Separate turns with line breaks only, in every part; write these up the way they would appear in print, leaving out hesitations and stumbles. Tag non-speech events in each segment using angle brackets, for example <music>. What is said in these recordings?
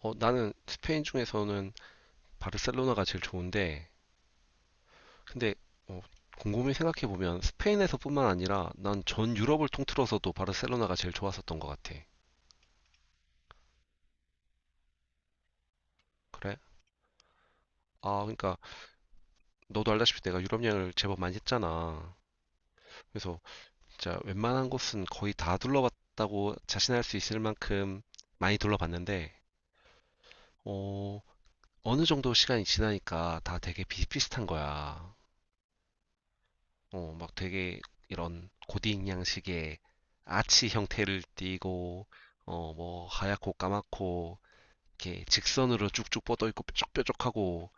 나는 스페인 중에서는 바르셀로나가 제일 좋은데, 근데 어, 곰곰이 생각해보면 스페인에서뿐만 아니라 난 전 유럽을 통틀어서도 바르셀로나가 제일 좋았었던 것 같아. 그래? 아, 그러니까 너도 알다시피 내가 유럽 여행을 제법 많이 했잖아. 그래서 진짜 웬만한 곳은 거의 다 둘러봤다고 자신할 수 있을 만큼 많이 둘러봤는데, 어, 어느 정도 시간이 지나니까 다 되게 비슷비슷한 거야. 막 되게 이런 고딩 양식의 아치 형태를 띠고, 뭐 하얗고 까맣고, 이렇게 직선으로 쭉쭉 뻗어 있고 뾰족뾰족하고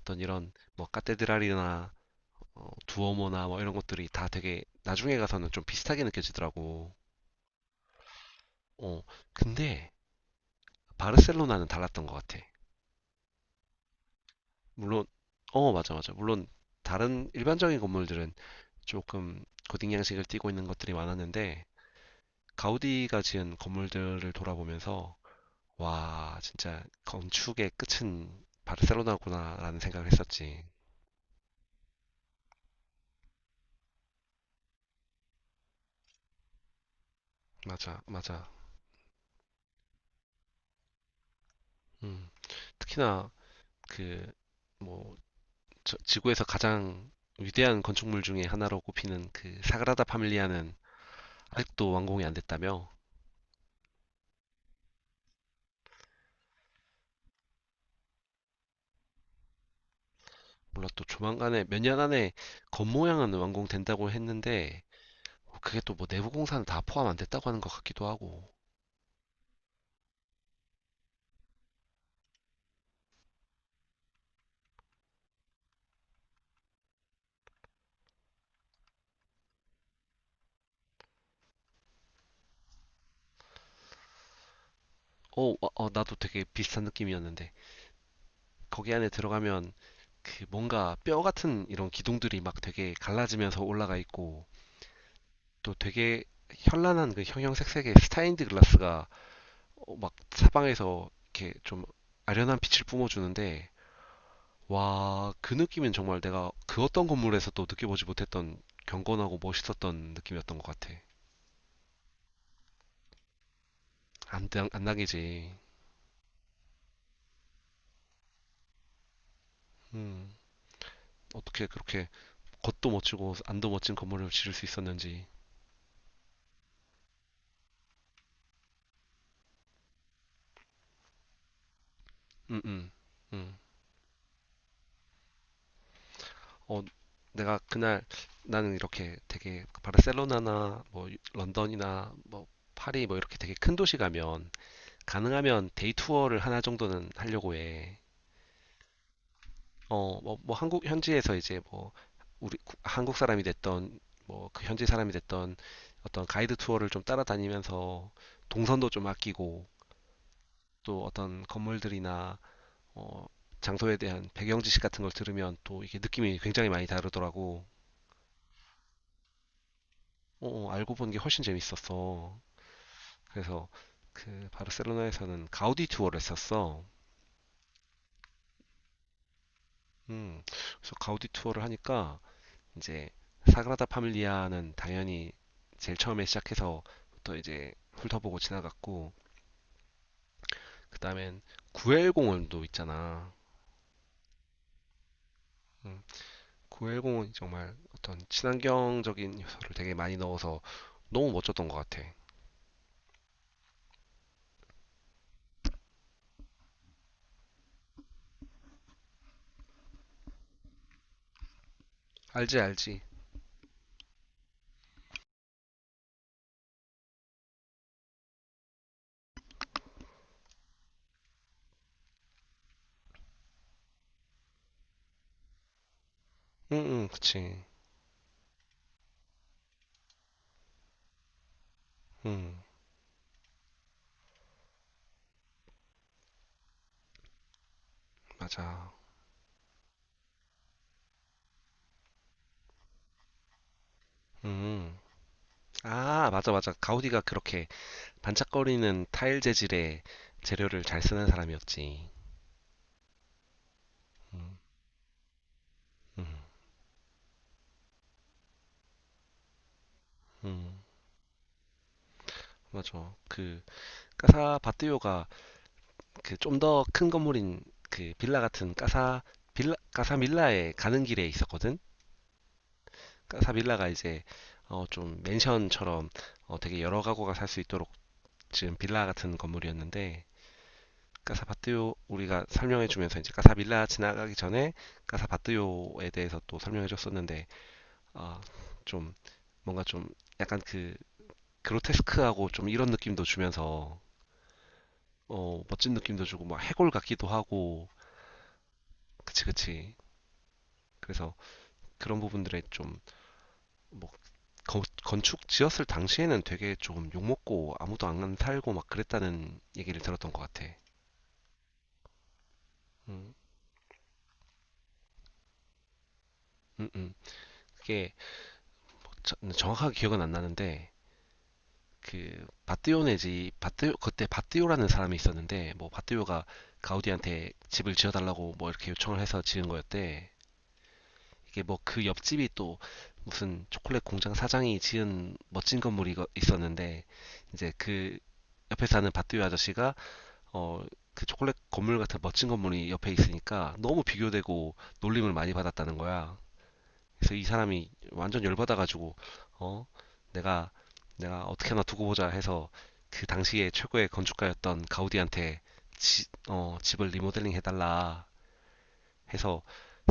어떤 이런 뭐 카테드랄이나 두오모나 뭐 이런 것들이 다 되게 나중에 가서는 좀 비슷하게 느껴지더라고. 어, 근데 바르셀로나는 달랐던 것 같아. 물론, 맞아, 맞아. 물론 다른 일반적인 건물들은 조금 고딩 양식을 띠고 있는 것들이 많았는데, 가우디가 지은 건물들을 돌아보면서 와, 진짜 건축의 끝은 바르셀로나구나라는 생각을 했었지. 맞아, 맞아. 음, 특히나 그 뭐 지구에서 가장 위대한 건축물 중에 하나로 꼽히는 그 사그라다 파밀리아는 아직도 완공이 안 됐다며? 몰라 또 조만간에 몇 년 안에 겉모양은 완공된다고 했는데 그게 또 뭐 내부 공사는 다 포함 안 됐다고 하는 것 같기도 하고. 나도 되게 비슷한 느낌이었는데. 거기 안에 들어가면 그 뭔가 뼈 같은 이런 기둥들이 막 되게 갈라지면서 올라가 있고 또 되게 현란한 그 형형색색의 스타인드 글라스가 막 사방에서 이렇게 좀 아련한 빛을 뿜어주는데 와, 그 느낌은 정말 내가 그 어떤 건물에서도 느껴보지 못했던 경건하고 멋있었던 느낌이었던 것 같아. 안 당이지. 음, 어떻게 그렇게 겉도 멋지고 안도 멋진 건물을 지을 수 있었는지. 음, 음, 음. 어, 내가 그날 나는 이렇게 되게 그 바르셀로나나 뭐 런던이나 뭐 파리 뭐 이렇게 되게 큰 도시 가면 가능하면 데이 투어를 하나 정도는 하려고 해. 뭐 한국 현지에서 이제 뭐 한국 사람이 됐던 뭐 그 현지 사람이 됐던 어떤 가이드 투어를 좀 따라다니면서 동선도 좀 아끼고 또 어떤 건물들이나 어, 장소에 대한 배경 지식 같은 걸 들으면 또 이게 느낌이 굉장히 많이 다르더라고. 어, 어, 알고 본 게 훨씬 재밌었어. 그래서 그 바르셀로나에서는 가우디 투어를 했었어. 그래서 가우디 투어를 하니까 이제 사그라다 파밀리아는 당연히 제일 처음에 시작해서 또 이제 훑어보고 지나갔고 그다음엔 구엘공원도 있잖아. 음, 구엘공원이 정말 어떤 친환경적인 요소를 되게 많이 넣어서 너무 멋졌던 것 같아. 알지, 알지. 응, 응, 그치. 응, 맞아. 음. 아, 맞아, 맞아. 가우디가 그렇게 반짝거리는 타일 재질의 재료를 잘 쓰는 사람이었지. 음, 음, 음, 맞아. 그 까사 바띠오가 그 좀 더 큰 건물인 그 빌라 같은 까사 빌라 까사 밀라에 가는 길에 있었거든. 까사 밀라가 이제 좀 맨션처럼 되게 여러 가구가 살 수 있도록 지금 빌라 같은 건물이었는데 까사 바띠오 우리가 설명해 주면서 이제 까사 밀라 지나가기 전에 까사 바띠오에 대해서 또 설명해 줬었는데 아, 좀 뭔가 좀 약간 그 그로테스크하고 좀 이런 느낌도 주면서 멋진 느낌도 주고 막 해골 같기도 하고 그치 그치. 그래서 그런 부분들에 좀 건축 지었을 당시에는 되게 좀 욕먹고 아무도 안 살고 막 그랬다는 얘기를 들었던 것 같아. 음, 음, 음. 그게 정확하게 기억은 안 나는데 그 바띠오 네지 바띠 그때 바띠오라는 사람이 있었는데 뭐 바띠오가 가우디한테 집을 지어달라고 뭐 이렇게 요청을 해서 지은 거였대. 이게 뭐 그 옆집이 또 무슨 초콜릿 공장 사장이 지은 멋진 건물이 있었는데 이제 그 옆에 사는 밭두유 아저씨가 어 그 초콜릿 건물 같은 멋진 건물이 옆에 있으니까 너무 비교되고 놀림을 많이 받았다는 거야. 그래서 이 사람이 완전 열받아가지고 어 내가 어떻게 하나 두고 보자 해서 그 당시에 최고의 건축가였던 가우디한테 집을 리모델링 해달라 해서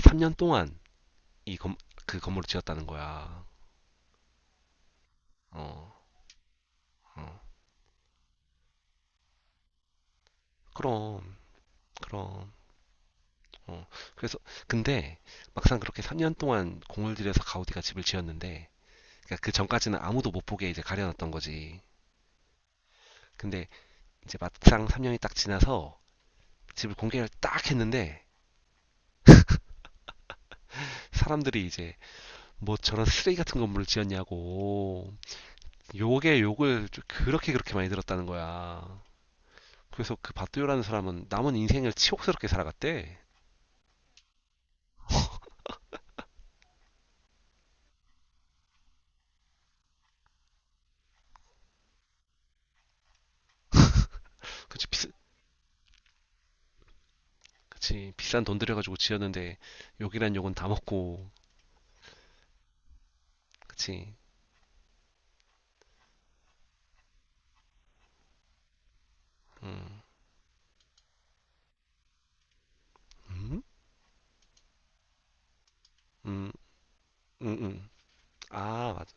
3년 동안 이 건, 그 건물을 지었다는 거야. 어, 어. 그럼, 그럼. 어. 그래서 근데 막상 그렇게 3년 동안 공을 들여서 가우디가 집을 지었는데 그러니까 그 전까지는 아무도 못 보게 이제 가려놨던 거지. 근데 이제 막상 3년이 딱 지나서 집을 공개를 딱 했는데 사람들이 이제 뭐 저런 쓰레기 같은 건물을 지었냐고 욕에 욕을 그렇게 그렇게 많이 들었다는 거야. 그래서 그 바뚜요라는 사람은 남은 인생을 치욕스럽게 살아갔대. 그치, 그치. 비싼 돈 들여가지고 지었는데 욕이란 욕은 다 먹고. 그치. 음? 음, 음, 음. 아, 맞아.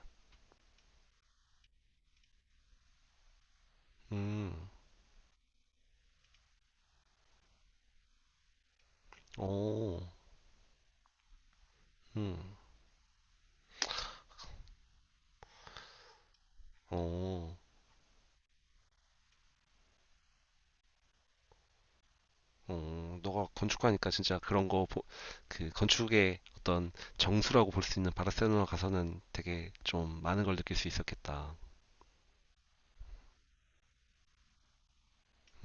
음, 오, 음, 오, 오. 너가 건축가니까 진짜 그런 거, 그 건축의 어떤 정수라고 볼 수 있는 바르셀로나 가서는 되게 좀 많은 걸 느낄 수 있었겠다.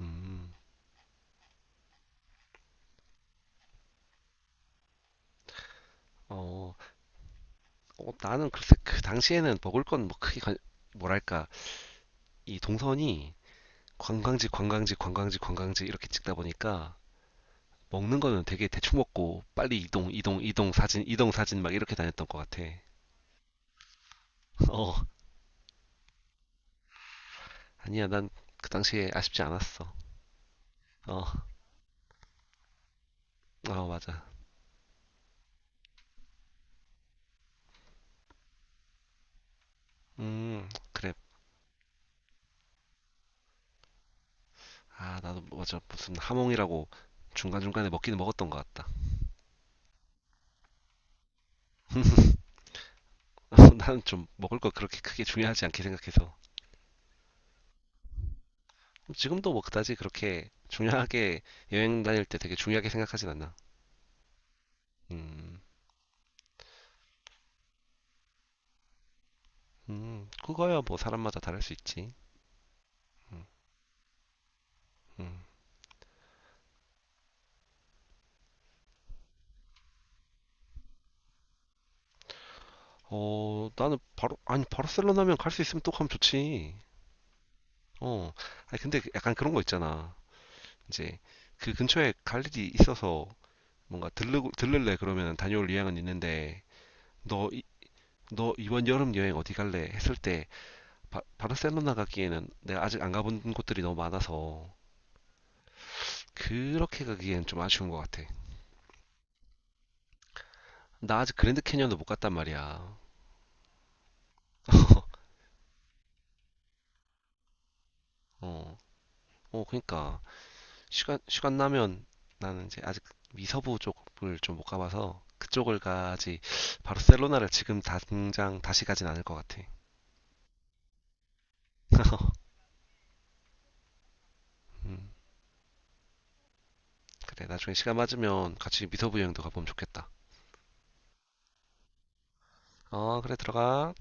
음, 어, 어, 나는 글쎄 그 당시에는 먹을 건 뭐 크게, 뭐랄까, 이 동선이 관광지, 관광지, 관광지, 관광지 이렇게 찍다 보니까 먹는 거는 되게 대충 먹고 빨리 이동, 이동, 이동, 사진, 이동, 사진 막 이렇게 다녔던 것 같아. <laughs> 어, 아니야, 난 그 당시에 아쉽지 않았어. 어, 어, 맞아. 그래. 아, 나도 맞아. 무슨 하몽이라고 중간중간에 먹기는 먹었던 것 같다. <laughs> 나는 좀 먹을 거 그렇게 크게 중요하지 않게 생각해서. 지금도 뭐 그다지 그렇게 중요하게 여행 다닐 때 되게 중요하게 생각하진 않나 음, 그거야 뭐 사람마다 다를 수 있지. 음. 어, 나는 아니, 바르셀로나면 갈 수 있으면 또 가면 좋지. 어, 아니, 근데 그 약간 그런 거 있잖아. 이제 그 근처에 갈 일이 있어서 뭔가 들를래 그러면 다녀올 의향은 있는데, 너, 이- 너 이번 여름 여행 어디 갈래? 했을 때, 바르셀로나 가기에는 내가 아직 안 가본 곳들이 너무 많아서, 그렇게 가기엔 좀 아쉬운 것 같아. 나 아직 그랜드 캐니언도 못 갔단 말이야. <laughs> 어, 어, 그니까. 시간 나면 나는 이제 아직 미서부 쪽을 좀 못 가봐서 그쪽을 가지 바르셀로나를 지금 당장 다시 가진 않을 것 같아. <laughs> 음, 그래, 나중에 시간 맞으면 같이 미서부 여행도 가보면 좋겠다. 어, 그래, 들어가.